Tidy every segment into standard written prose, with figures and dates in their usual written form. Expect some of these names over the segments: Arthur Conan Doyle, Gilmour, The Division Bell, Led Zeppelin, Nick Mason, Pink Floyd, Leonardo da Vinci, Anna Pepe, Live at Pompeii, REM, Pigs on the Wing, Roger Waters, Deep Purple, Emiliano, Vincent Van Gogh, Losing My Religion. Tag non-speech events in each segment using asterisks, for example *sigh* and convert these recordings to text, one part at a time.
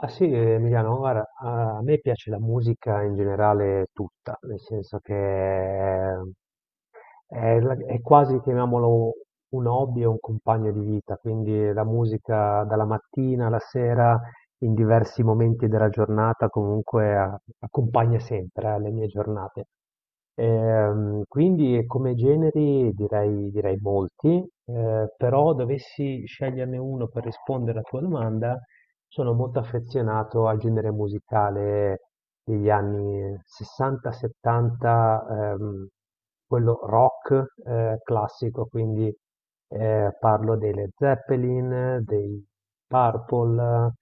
Ah sì, Emiliano, guarda, a me piace la musica in generale tutta, nel senso che è quasi, chiamiamolo, un hobby o un compagno di vita, quindi la musica dalla mattina alla sera, in diversi momenti della giornata, comunque accompagna sempre, le mie giornate. Quindi come generi direi molti, però dovessi sceglierne uno per rispondere alla tua domanda, sono molto affezionato al genere musicale degli anni 60-70, quello rock classico. Quindi parlo dei Led Zeppelin, dei Purple,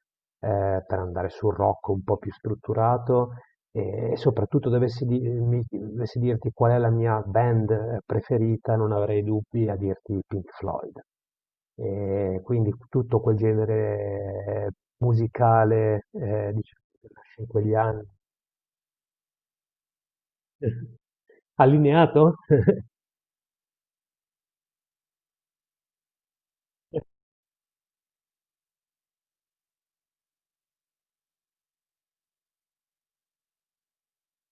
per andare sul rock un po' più strutturato e soprattutto dovessi dirti qual è la mia band preferita, non avrei dubbi a dirti Pink Floyd. E quindi tutto quel genere musicale, diciamo, che nasce in quegli anni. *laughs* Allineato?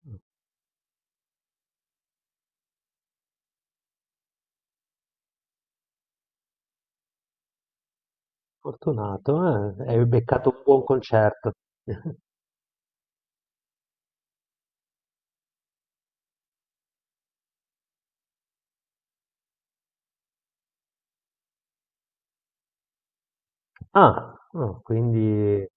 *laughs* Fortunato, hai beccato un buon concerto. *laughs* Ah, no, quindi,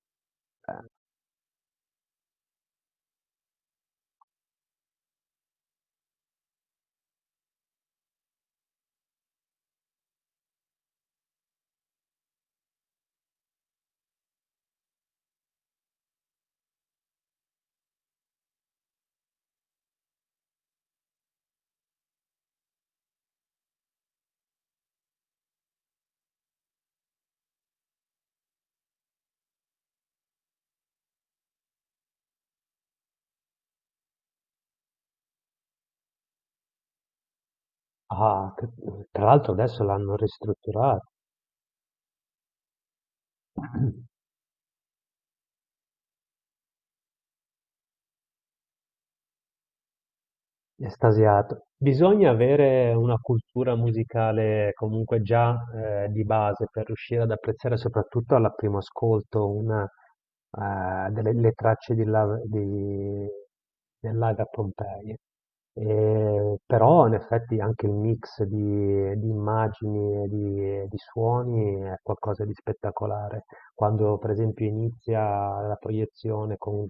ah, che- tra l'altro adesso l'hanno ristrutturato. *clears throat* Estasiato. Bisogna avere una cultura musicale comunque già di base per riuscire ad apprezzare soprattutto al primo ascolto delle le tracce del Live a Pompeii. E però in effetti anche il mix di immagini e di suoni è qualcosa di spettacolare. Quando per esempio inizia la proiezione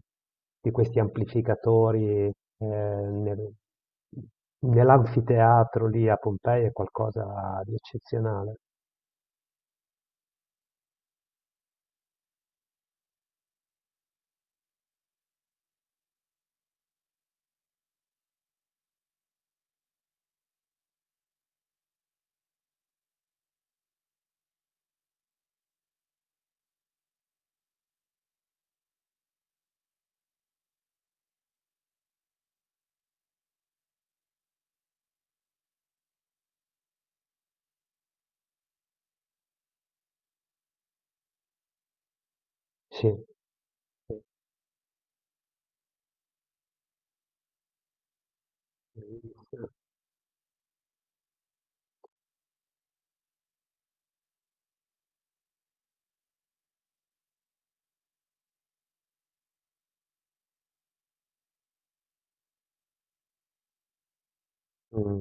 di questi amplificatori nell'anfiteatro lì a Pompei è qualcosa di eccezionale. Sì. Sì. Mm,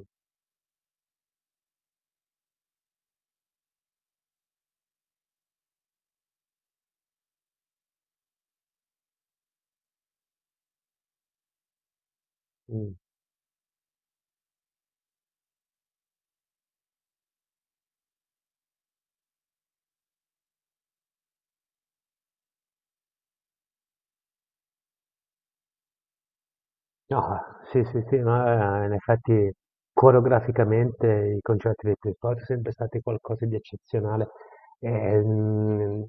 mm. No, sì, sì, sì, no, in effetti coreograficamente i concerti dei Pink Floyd sono sempre stati qualcosa di eccezionale. ehm,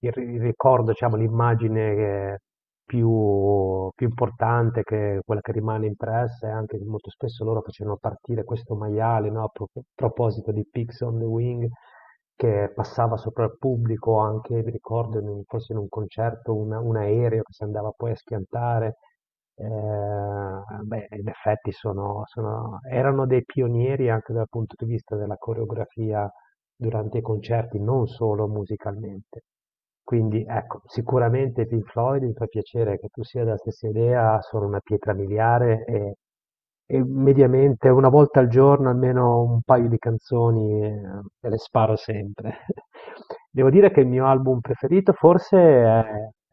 il ricordo, diciamo, l'immagine più importante, che quella che rimane impressa, è anche che molto spesso loro facevano partire questo maiale, no, a proposito di Pigs on the Wing, che passava sopra il pubblico, anche, mi ricordo, forse in un concerto, un aereo che si andava poi a schiantare. Beh, in effetti erano dei pionieri anche dal punto di vista della coreografia durante i concerti, non solo musicalmente. Quindi ecco, sicuramente i Pink Floyd, mi fa piacere che tu sia della stessa idea, sono una pietra miliare e mediamente una volta al giorno almeno un paio di canzoni me le sparo sempre. *laughs* Devo dire che il mio album preferito forse è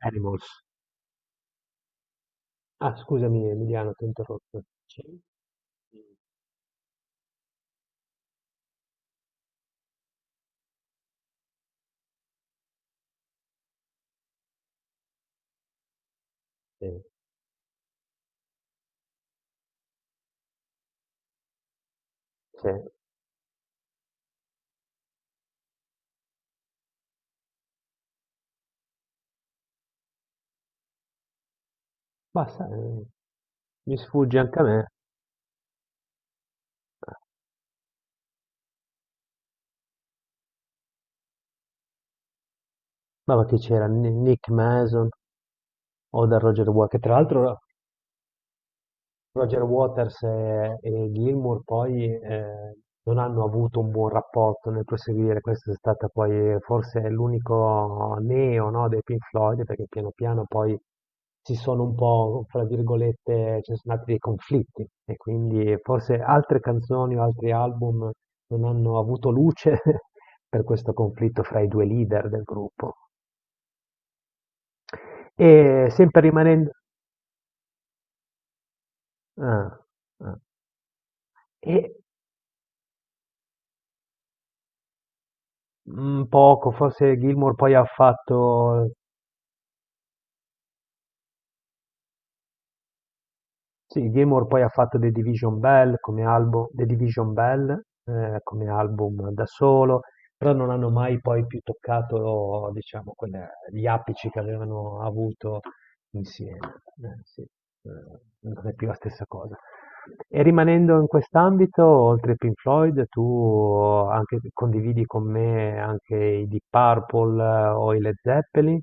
Animals. Ah, scusami Emiliano, ti ho interrotto. Sì. Sì, sì. Basta, mi sfugge anche a me. Ma va, chi c'era? Nick Mason, Oda Roger Waters, che tra l'altro Roger Waters e Gilmour poi non hanno avuto un buon rapporto nel proseguire. Questa è stata poi forse l'unico neo, no, dei Pink Floyd, perché piano piano poi si sono un po', fra virgolette, ci sono stati dei conflitti e quindi forse altre canzoni o altri album non hanno avuto luce *laughs* per questo conflitto fra i due leader del gruppo. E sempre rimanendo. Ah, ah. E, mhmm, poco, forse Gilmour poi ha fatto. Sì, Gilmour poi ha fatto The Division Bell, come album da solo, però non hanno mai poi più toccato, diciamo, gli apici che avevano avuto insieme. Sì, non è più la stessa cosa. E rimanendo in quest'ambito, oltre ai Pink Floyd, tu condividi con me anche i Deep Purple o i Led Zeppelin?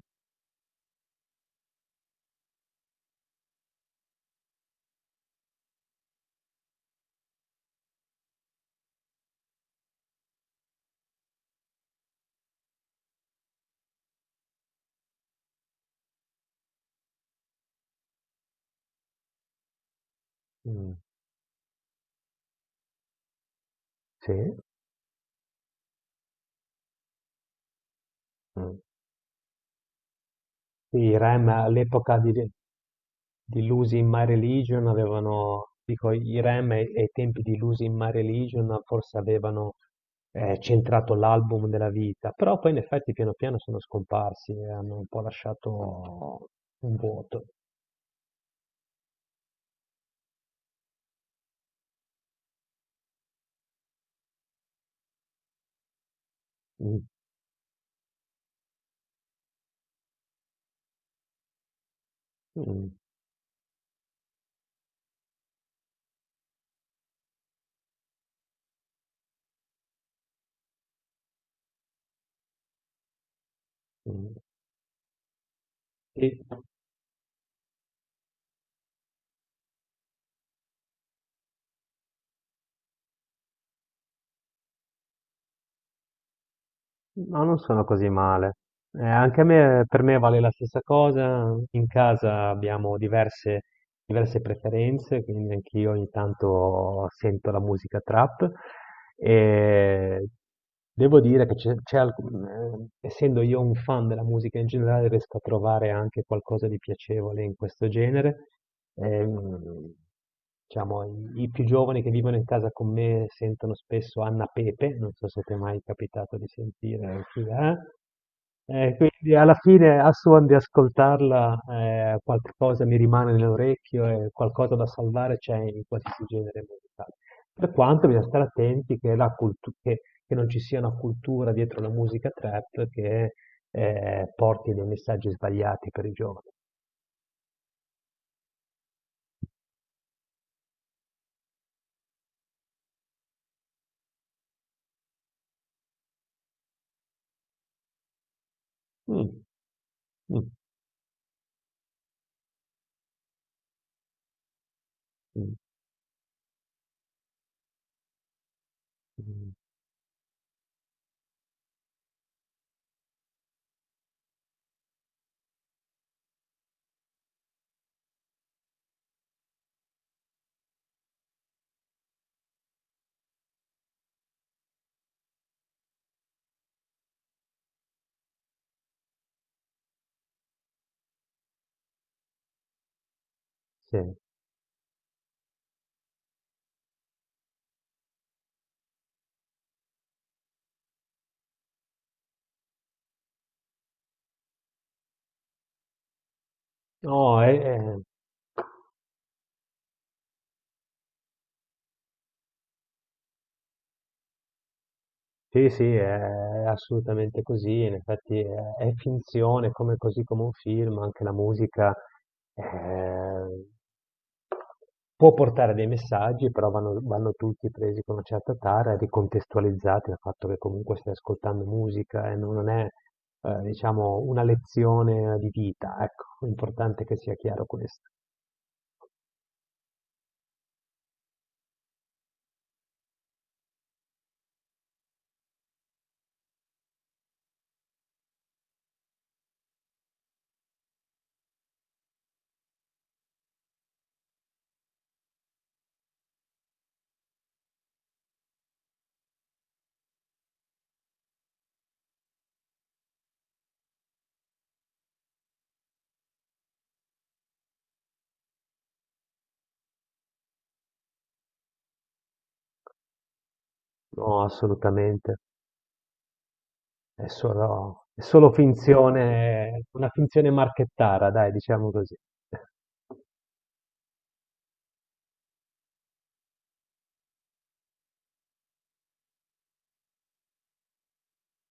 Mm, sì. Mm. Sì, i REM all'epoca di Losing My Religion avevano, dico, i Rem ai tempi di Losing My Religion forse avevano centrato l'album della vita, però poi in effetti piano piano sono scomparsi e hanno un po' lasciato un vuoto. Mm, mm, mm. E- no, non sono così male. Anche a me, per me vale la stessa cosa. In casa abbiamo diverse preferenze, quindi anch'io ogni tanto sento la musica trap e devo dire che essendo io un fan della musica in generale, riesco a trovare anche qualcosa di piacevole in questo genere. Ehm, diciamo, i più giovani che vivono in casa con me sentono spesso Anna Pepe, non so se ti è mai capitato di sentire chi è. Quindi alla fine, a suon di ascoltarla, qualcosa mi rimane nell'orecchio e qualcosa da salvare c'è in qualsiasi genere musicale. Per quanto bisogna stare attenti che, che non ci sia una cultura dietro la musica trap che porti dei messaggi sbagliati per i giovani. Mm, mm, mm, mm, sì. No, eh. Sì, sì, è assolutamente così, in effetti è finzione, come, così come un film, anche la musica eh, può portare dei messaggi, però vanno, vanno tutti presi con una certa tara e ricontestualizzati dal fatto che comunque stai ascoltando musica e non è, diciamo, una lezione di vita, ecco, è importante che sia chiaro questo. No, assolutamente. È solo, è solo finzione, una finzione marchettara, dai, diciamo così.